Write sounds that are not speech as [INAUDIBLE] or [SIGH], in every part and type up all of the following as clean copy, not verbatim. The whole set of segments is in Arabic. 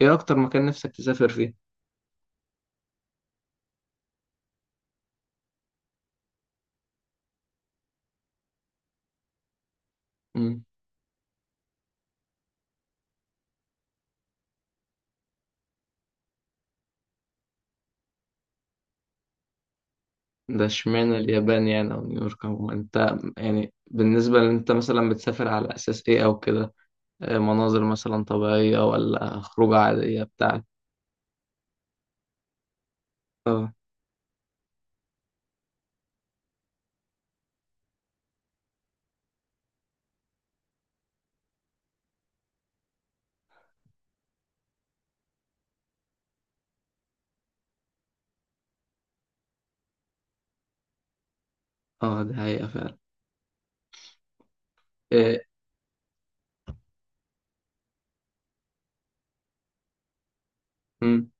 ايه اكتر مكان نفسك تسافر فيه؟ مم. ده اشمعنى اليابان يعني او نيويورك؟ او انت يعني بالنسبة لان انت مثلا بتسافر على اساس ايه او كده؟ مناظر مثلا طبيعية ولا خروجة عادية بتاع؟ اه، اه، ده حقيقة فعلا. إيه. مم.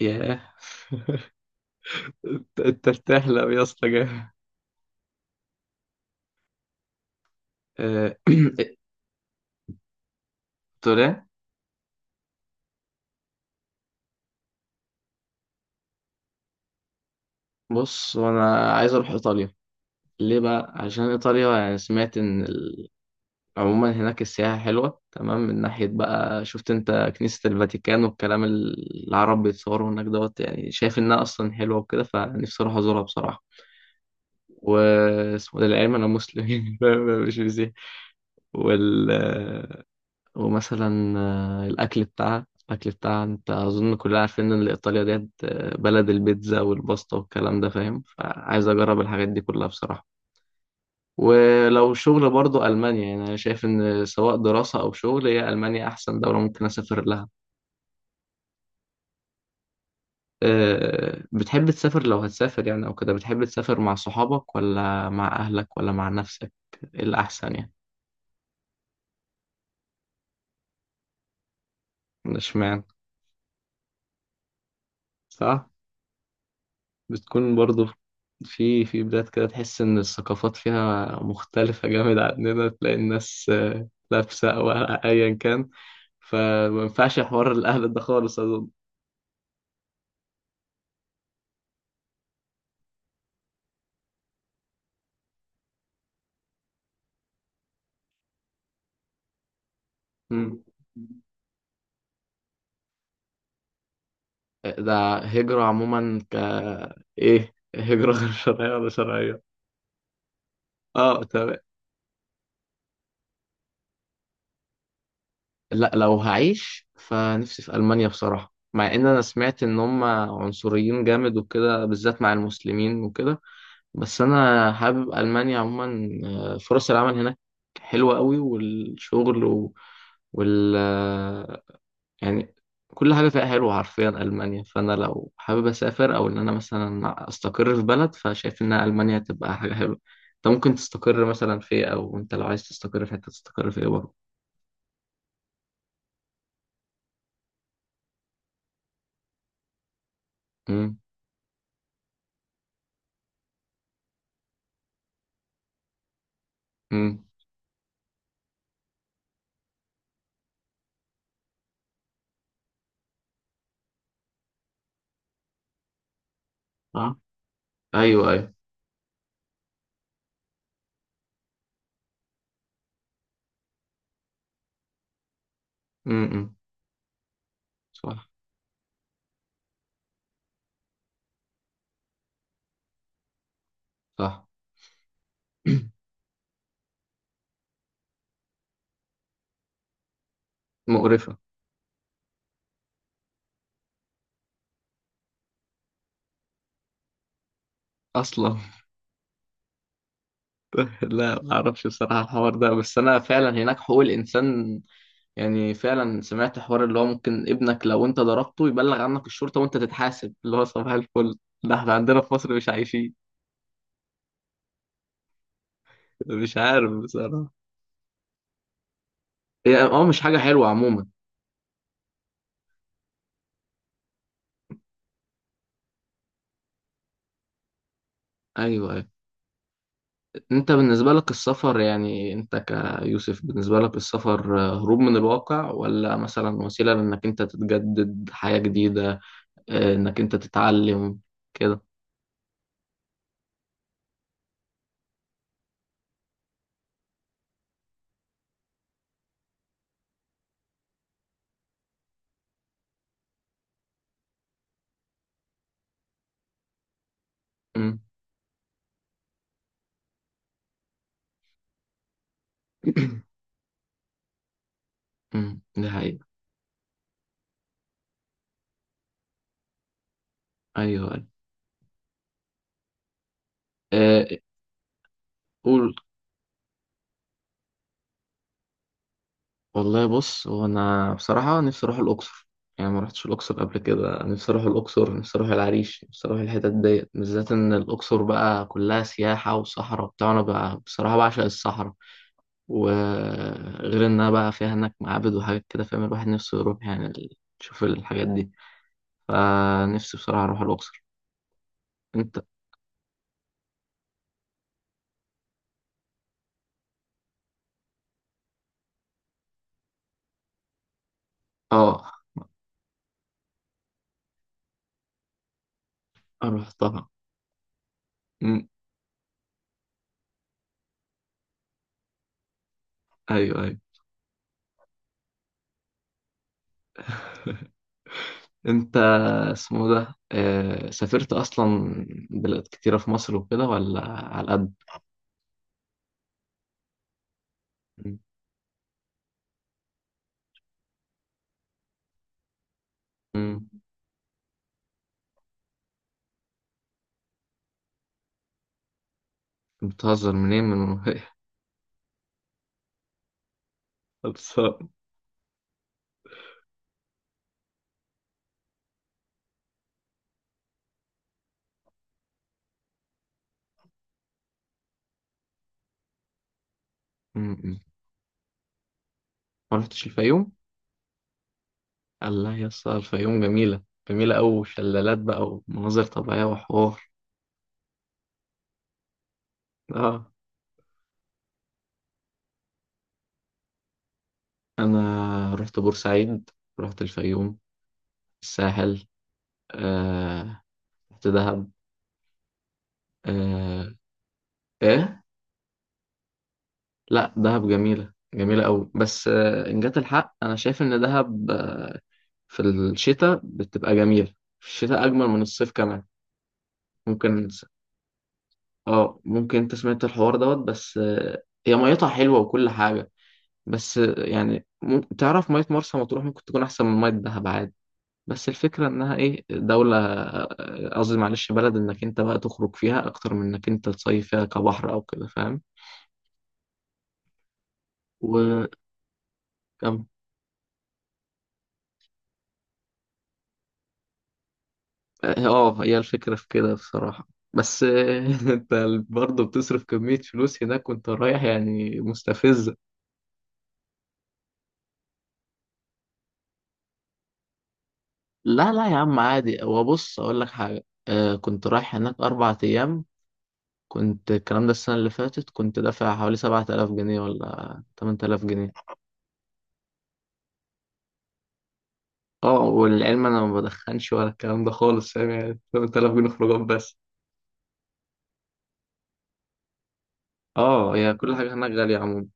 ياه! أنت بتحلم يا اسطى جامد. آه، [COUGHS] [CLEARS THROAT] تقول ايه؟ بص، وانا عايز اروح ايطاليا. ليه بقى؟ عشان ايطاليا يعني سمعت ان عموما هناك السياحة حلوة تمام. من ناحية بقى شفت انت كنيسة الفاتيكان والكلام، العرب بيتصوروا هناك دوت، يعني شايف انها اصلا حلوة وكده، فنفسي اروح ازورها بصراحة. واسمه ده العلم، انا مسلم [LAUGHS] مش مسيحي. وال ومثلا الاكل بتاعها، الاكل بتاعها، انت اظن كلنا عارفين ان ايطاليا ديت بلد البيتزا والباستا والكلام ده، فاهم؟ فعايز اجرب الحاجات دي كلها بصراحة. ولو شغل برضو ألمانيا، يعني أنا شايف إن سواء دراسة أو شغل هي ألمانيا أحسن دولة ممكن أسافر لها. أه. بتحب تسافر لو هتسافر يعني أو كده، بتحب تسافر مع صحابك ولا مع أهلك ولا مع نفسك؟ إيه الأحسن يعني؟ اشمعنى؟ صح. بتكون برضو في بلاد كده تحس إن الثقافات فيها مختلفة جامد عننا، تلاقي الناس لابسة أو أيا كان، فما ينفعش حوار الأهل ده خالص أظن. مم. ده هجرة عموما ايه، هجرة [LAUGHS] غير شرعية ولا شرعية؟ اه تمام. لا لو هعيش فنفسي في ألمانيا بصراحة، مع ان انا سمعت ان هم عنصريين جامد وكده بالذات مع المسلمين وكده، بس انا حابب ألمانيا عموما. فرص العمل هناك حلوة قوي، والشغل وال يعني كل حاجة فيها حلوة حرفيا ألمانيا. فأنا لو حابب أسافر أو إن أنا مثلا أستقر في بلد، فشايف إن ألمانيا تبقى حاجة حلوة. أنت ممكن تستقر مثلا في إيه، أو أنت لو عايز تستقر في حتة تستقر في إيه برضه؟ أمم، أمم. أه، أيوه أيوه. أمم، أمم. صح. صح. [CLEARS THROAT] مقرفة. أصلا. [LAUGHS] لا ما أعرفش بصراحة الحوار ده، بس أنا فعلا هناك حقوق الإنسان يعني، فعلا سمعت حوار اللي هو ممكن ابنك لو انت ضربته يبلغ عنك الشرطة وانت تتحاسب، اللي هو صباح الفل. ده احنا عندنا في مصر مش عايشين. مش عارف بصراحة. هي اه مش حاجة حلوة عموما. ايوه ايوه. انت بالنسبة لك السفر يعني، انت كيوسف بالنسبة لك السفر هروب من الواقع، ولا مثلا وسيلة لانك انت تتجدد حياة جديدة، انك انت تتعلم كده؟ امم [CLEARS THROAT] [COUGHS] ده حقيقة. ايوه ايوه. آه، قول. والله بص، هو انا بصراحه نفسي اروح الاقصر، يعني ما رحتش الاقصر قبل كده. نفسي اروح الاقصر، نفسي اروح العريش، نفسي اروح الحتت ديت، بالذات ان الاقصر بقى كلها سياحه وصحراء وبتاع، انا بقى بصراحه بعشق الصحراء. وغير انها بقى فيها هناك معابد وحاجات كده، فاهم؟ الواحد نفسه يروح يعني يشوف الحاجات دي، فنفسي بصراحه اروح الاقصر. انت اه رحتها. أمم، ايوه ايوه. انت اسمه ده سافرت اصلا بلاد كتيره في مصر وكده ولا على قد؟ مم. بتهزر، منين من المنوفية؟ [LAUGHS] خلصان. مم. ما رحتش الفيوم؟ الله يا اسطى، الفيوم جميلة، جميلة أوي، شلالات بقى ومناظر طبيعية وحوار. اه. أنا رحت بورسعيد، رحت الفيوم، الساحل. آه. رحت دهب. آه. إيه؟ لا دهب جميلة، جميلة أوي، بس آه، إن جات الحق أنا شايف إن دهب آه، في الشتاء بتبقى جميلة، في الشتاء أجمل من الصيف كمان. ممكن. اه ممكن. انت سمعت الحوار دوت، بس هي ميتها حلوة وكل حاجة، بس يعني تعرف مية مرسى مطروح ممكن تكون أحسن من مية دهب عادي. بس الفكرة إنها إيه، دولة قصدي معلش بلد، إنك أنت بقى تخرج فيها أكتر من إنك أنت تصيف فيها كبحر أو كده، فاهم؟ وكم. اه هي الفكرة في كده بصراحة. بس [LAUGHS] أنت برضه بتصرف كمية فلوس هناك وأنت رايح يعني، مستفزة. لا لا يا عم عادي. هو بص أقول لك حاجة، كنت رايح هناك 4 أيام، كنت الكلام ده السنة اللي فاتت، كنت دافع حوالي 7000 جنيه ولا 8000 جنيه. اه والعلم أنا ما بدخنش ولا الكلام ده خالص، فاهم؟ يعني 8000 جنيه خروجات بس. اه هي كل حاجة هناك غالية عموما.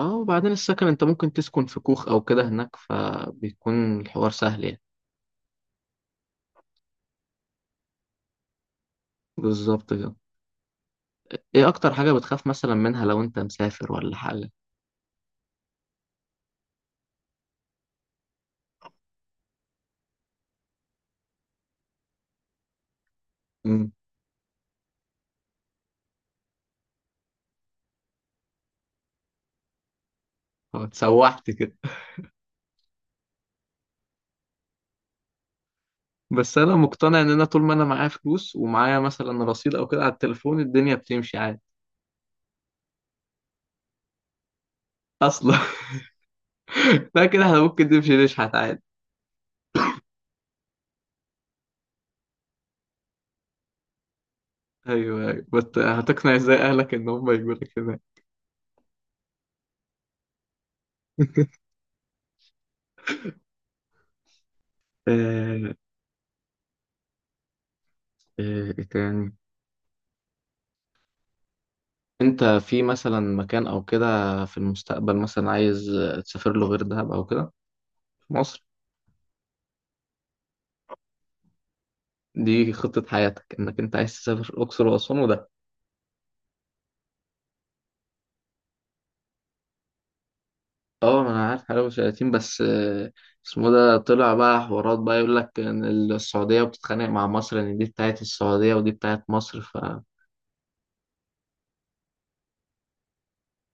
اه وبعدين السكن انت ممكن تسكن في كوخ أو كده هناك، فبيكون الحوار سهل يعني. بالظبط كده. ايه أكتر حاجة بتخاف مثلا منها لو انت مسافر ولا حاجة؟ امم اه اتسوحت كده. بس أنا مقتنع إن أنا طول ما أنا معايا فلوس ومعايا مثلا رصيد أو كده على التليفون الدنيا بتمشي عادي. أصلا. لا كده احنا ممكن نمشي نشحت عادي. ايوه ايوه بس هتقنع ازاي اهلك ان هم يجوا لك هناك؟ [LAUGHS] آه، ايه تاني؟ انت في مثلا مكان او كده في المستقبل مثلا عايز تسافر له غير دهب او كده في مصر؟ دي خطة حياتك انك انت عايز تسافر الاقصر واسوان وده؟ اه ما انا عارف حلاوة وشلاتين، بس اسمه ده طلع بقى حوارات، بقى يقول لك ان السعودية بتتخانق مع مصر، ان دي بتاعت السعودية ودي بتاعت مصر ف...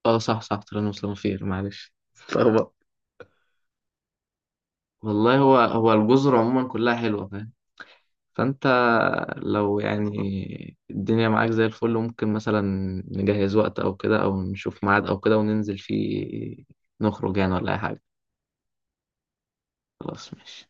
اه صح صح، طلعنا مسلمين فيه معلش. [LAUGHS] والله، هو الجزر عموما كلها حلوة، فاهم؟ فأنت لو يعني الدنيا معاك زي الفل، ممكن مثلا نجهز وقت أو كده أو نشوف ميعاد أو كده وننزل فيه، نخرج يعني ولا أي حاجة. خلاص ماشي.